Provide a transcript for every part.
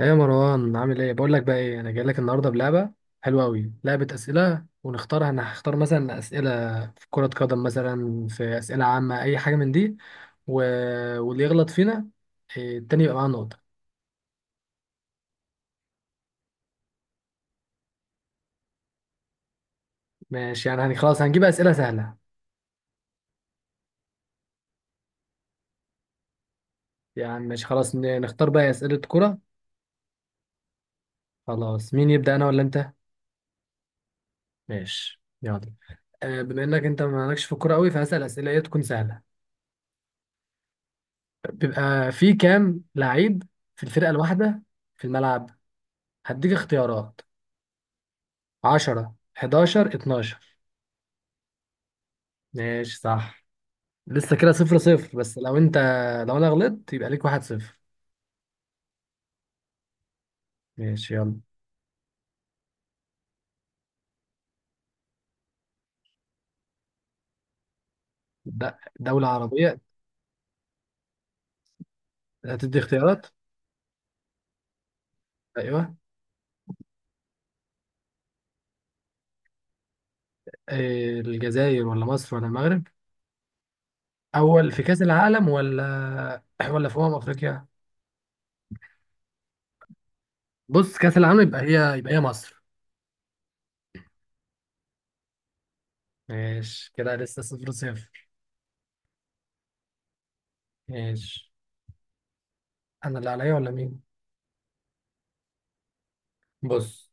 ايه يا مروان، عامل ايه؟ بقول لك بقى، ايه؟ انا جاي لك النهارده بلعبه حلوه قوي. لعبه اسئله ونختارها. انا هختار مثلا اسئله في كره قدم، مثلا في اسئله عامه، اي حاجه من دي. و... واللي يغلط فينا، التاني يبقى معاه نقطه. ماشي، خلاص هنجيب اسئله سهله. يعني ماشي خلاص، نختار بقى اسئله كره. خلاص، مين يبدا، انا ولا انت؟ ماشي يلا. بما انك انت مالكش في الكوره قوي، فهسال اسئله ايه تكون سهله. بيبقى في كام لعيب في الفرقه الواحده في الملعب؟ هديك اختيارات: عشرة، حداشر، اتناشر. ماشي صح. لسه كده صفر صفر، بس لو انت... لو انا غلطت يبقى ليك واحد صفر. ماشي يلا. د- دولة عربية. هتدي اختيارات؟ ايوه. الجزائر ولا مصر ولا المغرب؟ اول في كأس العالم ولا ولا في افريقيا؟ بص، كأس العالم يبقى هي مصر. ماشي كده، لسه صفر صفر. ماشي، انا اللي عليا ولا مين؟ بص،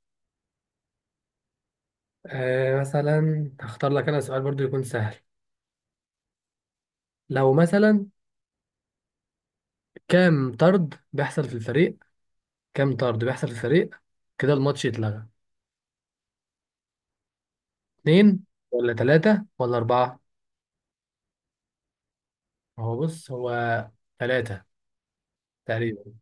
آه، مثلا هختار لك انا سؤال برضو يكون سهل. لو مثلا كام طرد بيحصل في الفريق، كام طرد بيحصل في الفريق كده الماتش يتلغى؟ اتنين ولا تلاتة ولا أربعة؟ هو تلاتة تقريبا.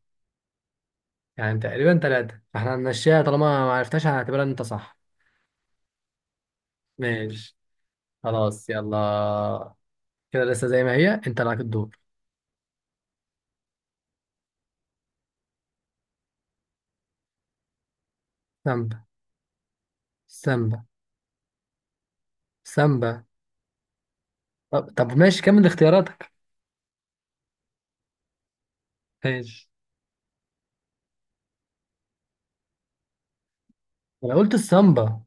يعني تقريبا تلاتة، فاحنا هنمشيها طالما ما عرفتهاش، هنعتبرها ان انت صح. ماشي، خلاص يلا. كده لسه زي ما هي، انت لك الدور. سامبا. سامبا. سامبا. طب, ماشي، كمل اختياراتك. ماشي، انا قلت السامبا.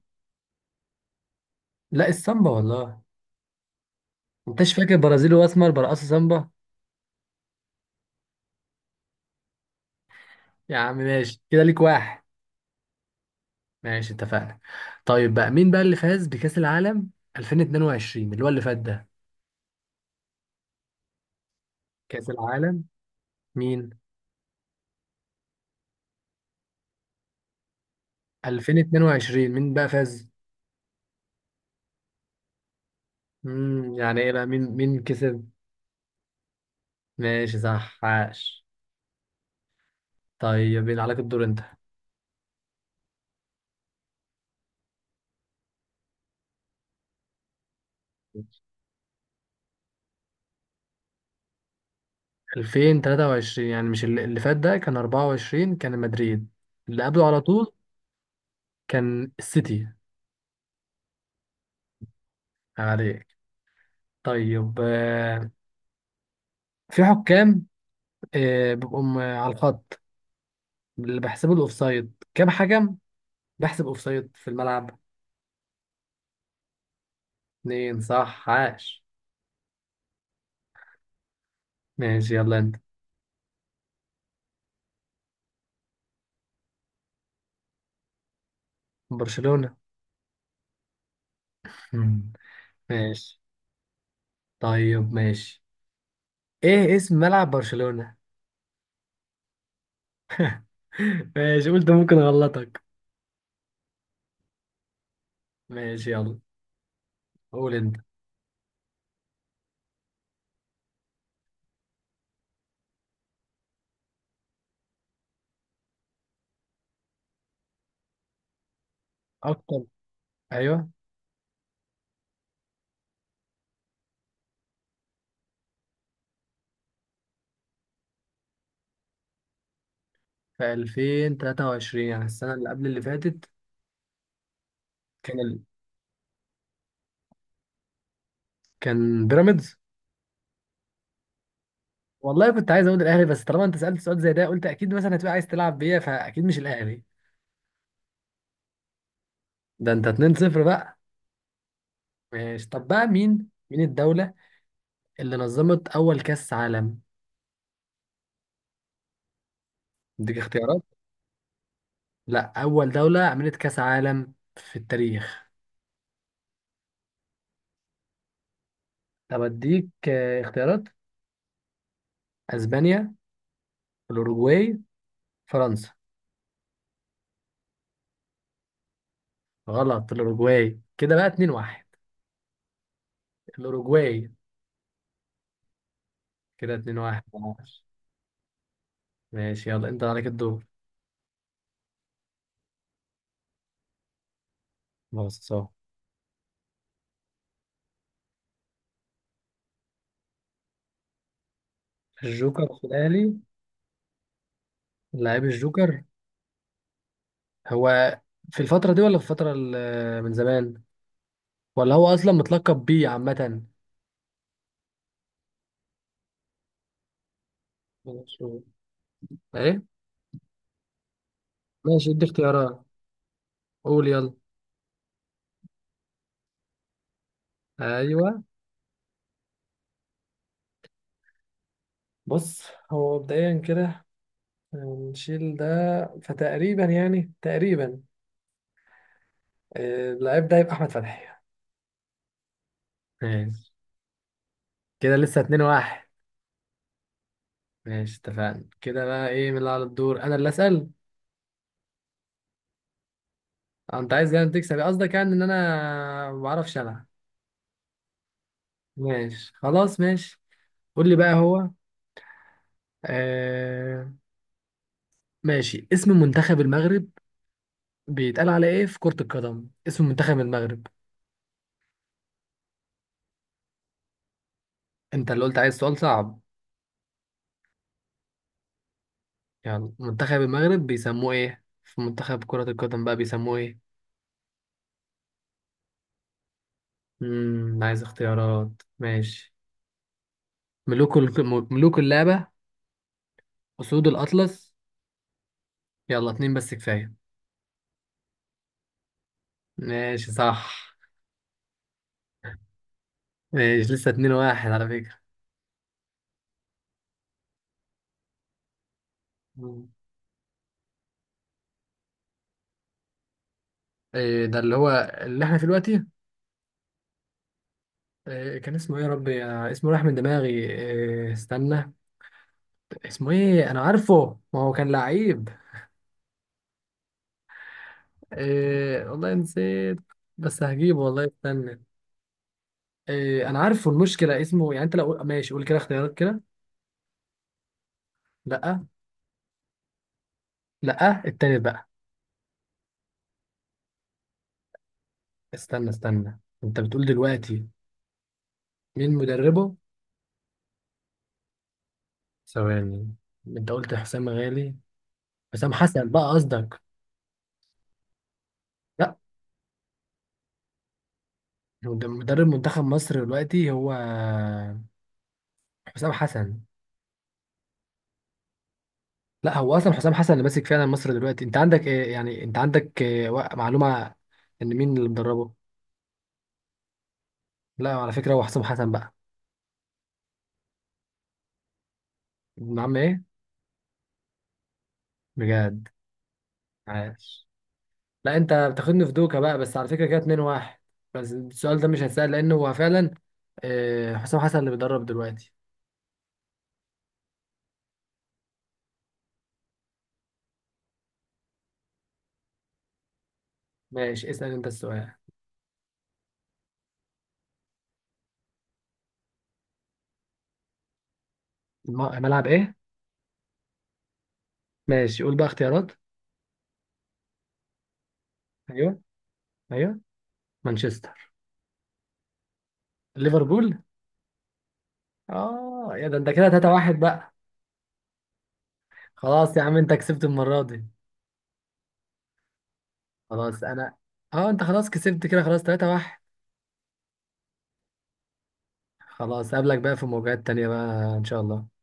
لا السامبا والله. انتش فاكر برازيلي واسمر برقصوا سامبا؟ يا عم ماشي، كده ليك واحد. ماشي اتفقنا. طيب بقى، مين بقى اللي فاز بكأس العالم 2022، اللي هو اللي فات ده؟ كأس العالم مين 2022 مين بقى فاز؟ يعني ايه بقى، مين كسب؟ ماشي صح، عاش. طيب يبقى عليك الدور انت. 2023، يعني مش اللي فات ده كان 24، كان مدريد. اللي قبله على طول كان السيتي. عليك. طيب، في حكام، آه، بيبقوا على الخط، اللي بيحسبوا الاوفسايد، كام حكم بحسب اوفسايد في الملعب؟ اتنين، صح، عاش. ماشي يلا انت. برشلونة. مم. ماشي. طيب ماشي، ايه اسم ملعب برشلونة؟ ماشي، قلت ممكن اغلطك. ماشي يلا، قول انت. اكتر؟ ايوه. في 2023 يعني السنة اللي قبل اللي فاتت، كان ال... كان بيراميدز. والله كنت عايز اقول الاهلي، بس طالما انت سألت سؤال زي ده، قلت اكيد مثلا هتبقى عايز تلعب بيا، فاكيد مش الاهلي. ده انت 2-0 بقى. ماشي، طب بقى مين الدولة اللي نظمت أول كأس عالم؟ اديك اختيارات؟ لا، أول دولة عملت كأس عالم في التاريخ. طب أديك، آه، اختيارات: أسبانيا، الأوروجواي، فرنسا. غلط، الأوروجواي. كده بقى 2 1. الأوروجواي. كده 2 1. ماشي يلا، أنت عليك الدور. بص اهو. الجوكر في الأهلي؟ لعيب الجوكر. هو في الفترة دي ولا في الفترة من زمان، ولا هو أصلا متلقب بيه عامة؟ ماشي. إيه؟ ماشي، ادي اختيارات. قول يلا. ايوه. بص، هو مبدئيا كده نشيل ده. فتقريبا، يعني تقريبا، آه، اللعيب ده يبقى احمد فتحي. ماشي. كده لسه اتنين واحد. ماشي اتفقنا. كده بقى ايه، من اللي على الدور؟ انا اللي اسال. آه، انت عايز يعني تكسب، قصدك يعني ان انا ما بعرفش العب. ماشي خلاص، ماشي. قول لي بقى، هو آه... ماشي، اسم منتخب المغرب بيتقال على ايه في كرة القدم؟ اسم منتخب المغرب. انت اللي قلت عايز سؤال صعب. يلا، منتخب المغرب بيسموه ايه في منتخب كرة القدم بقى، بيسموه ايه؟ عايز اختيارات. ماشي: ملوك ال... ملوك اللعبة، أسود الأطلس. يلا اتنين بس كفاية. ماشي صح. ماشي، لسه اتنين واحد على فكرة. مم. إيه ده اللي هو اللي احنا في دلوقتي؟ إيه كان اسمه، ايه يا ربي، آه، اسمه راح من دماغي. إيه استنى، اسمه ايه، انا عارفه، ما هو كان لعيب. إيه، والله نسيت، بس هجيبه والله، استنى. إيه، انا عارفه المشكله، اسمه يعني، انت لو ماشي قول كده اختيارات كده. لا لا التاني بقى. استنى استنى، انت بتقول دلوقتي مين مدربه؟ ثواني. انت قلت حسام غالي، حسام حسن بقى قصدك. لا، هو ده مدرب منتخب مصر دلوقتي، هو حسام حسن. لا، هو اصلا حسام حسن اللي ماسك فعلا مصر دلوقتي. انت عندك إيه يعني، انت عندك إيه معلومه ان مين اللي مدربه؟ لا على فكره، هو حسام حسن بقى. ابن عم ايه؟ بجد؟ عاش. لا انت بتاخدني في دوكا بقى، بس على فكره كده 2 1. بس السؤال ده مش هيتسال، لانه هو فعلا، آه، حسام حسن اللي بيدرب دلوقتي. ماشي، اسال انت السؤال. ملعب ايه؟ ماشي، قول بقى اختيارات. ايوه. ايوه. مانشستر. ليفربول. اه يا، ده انت كده 3 1 بقى. خلاص يا عم، انت كسبت المره دي. خلاص انا، اه انت خلاص كسبت كده. خلاص 3 1. خلاص قابلك بقى في مواجهات تانية بقى ان شاء الله.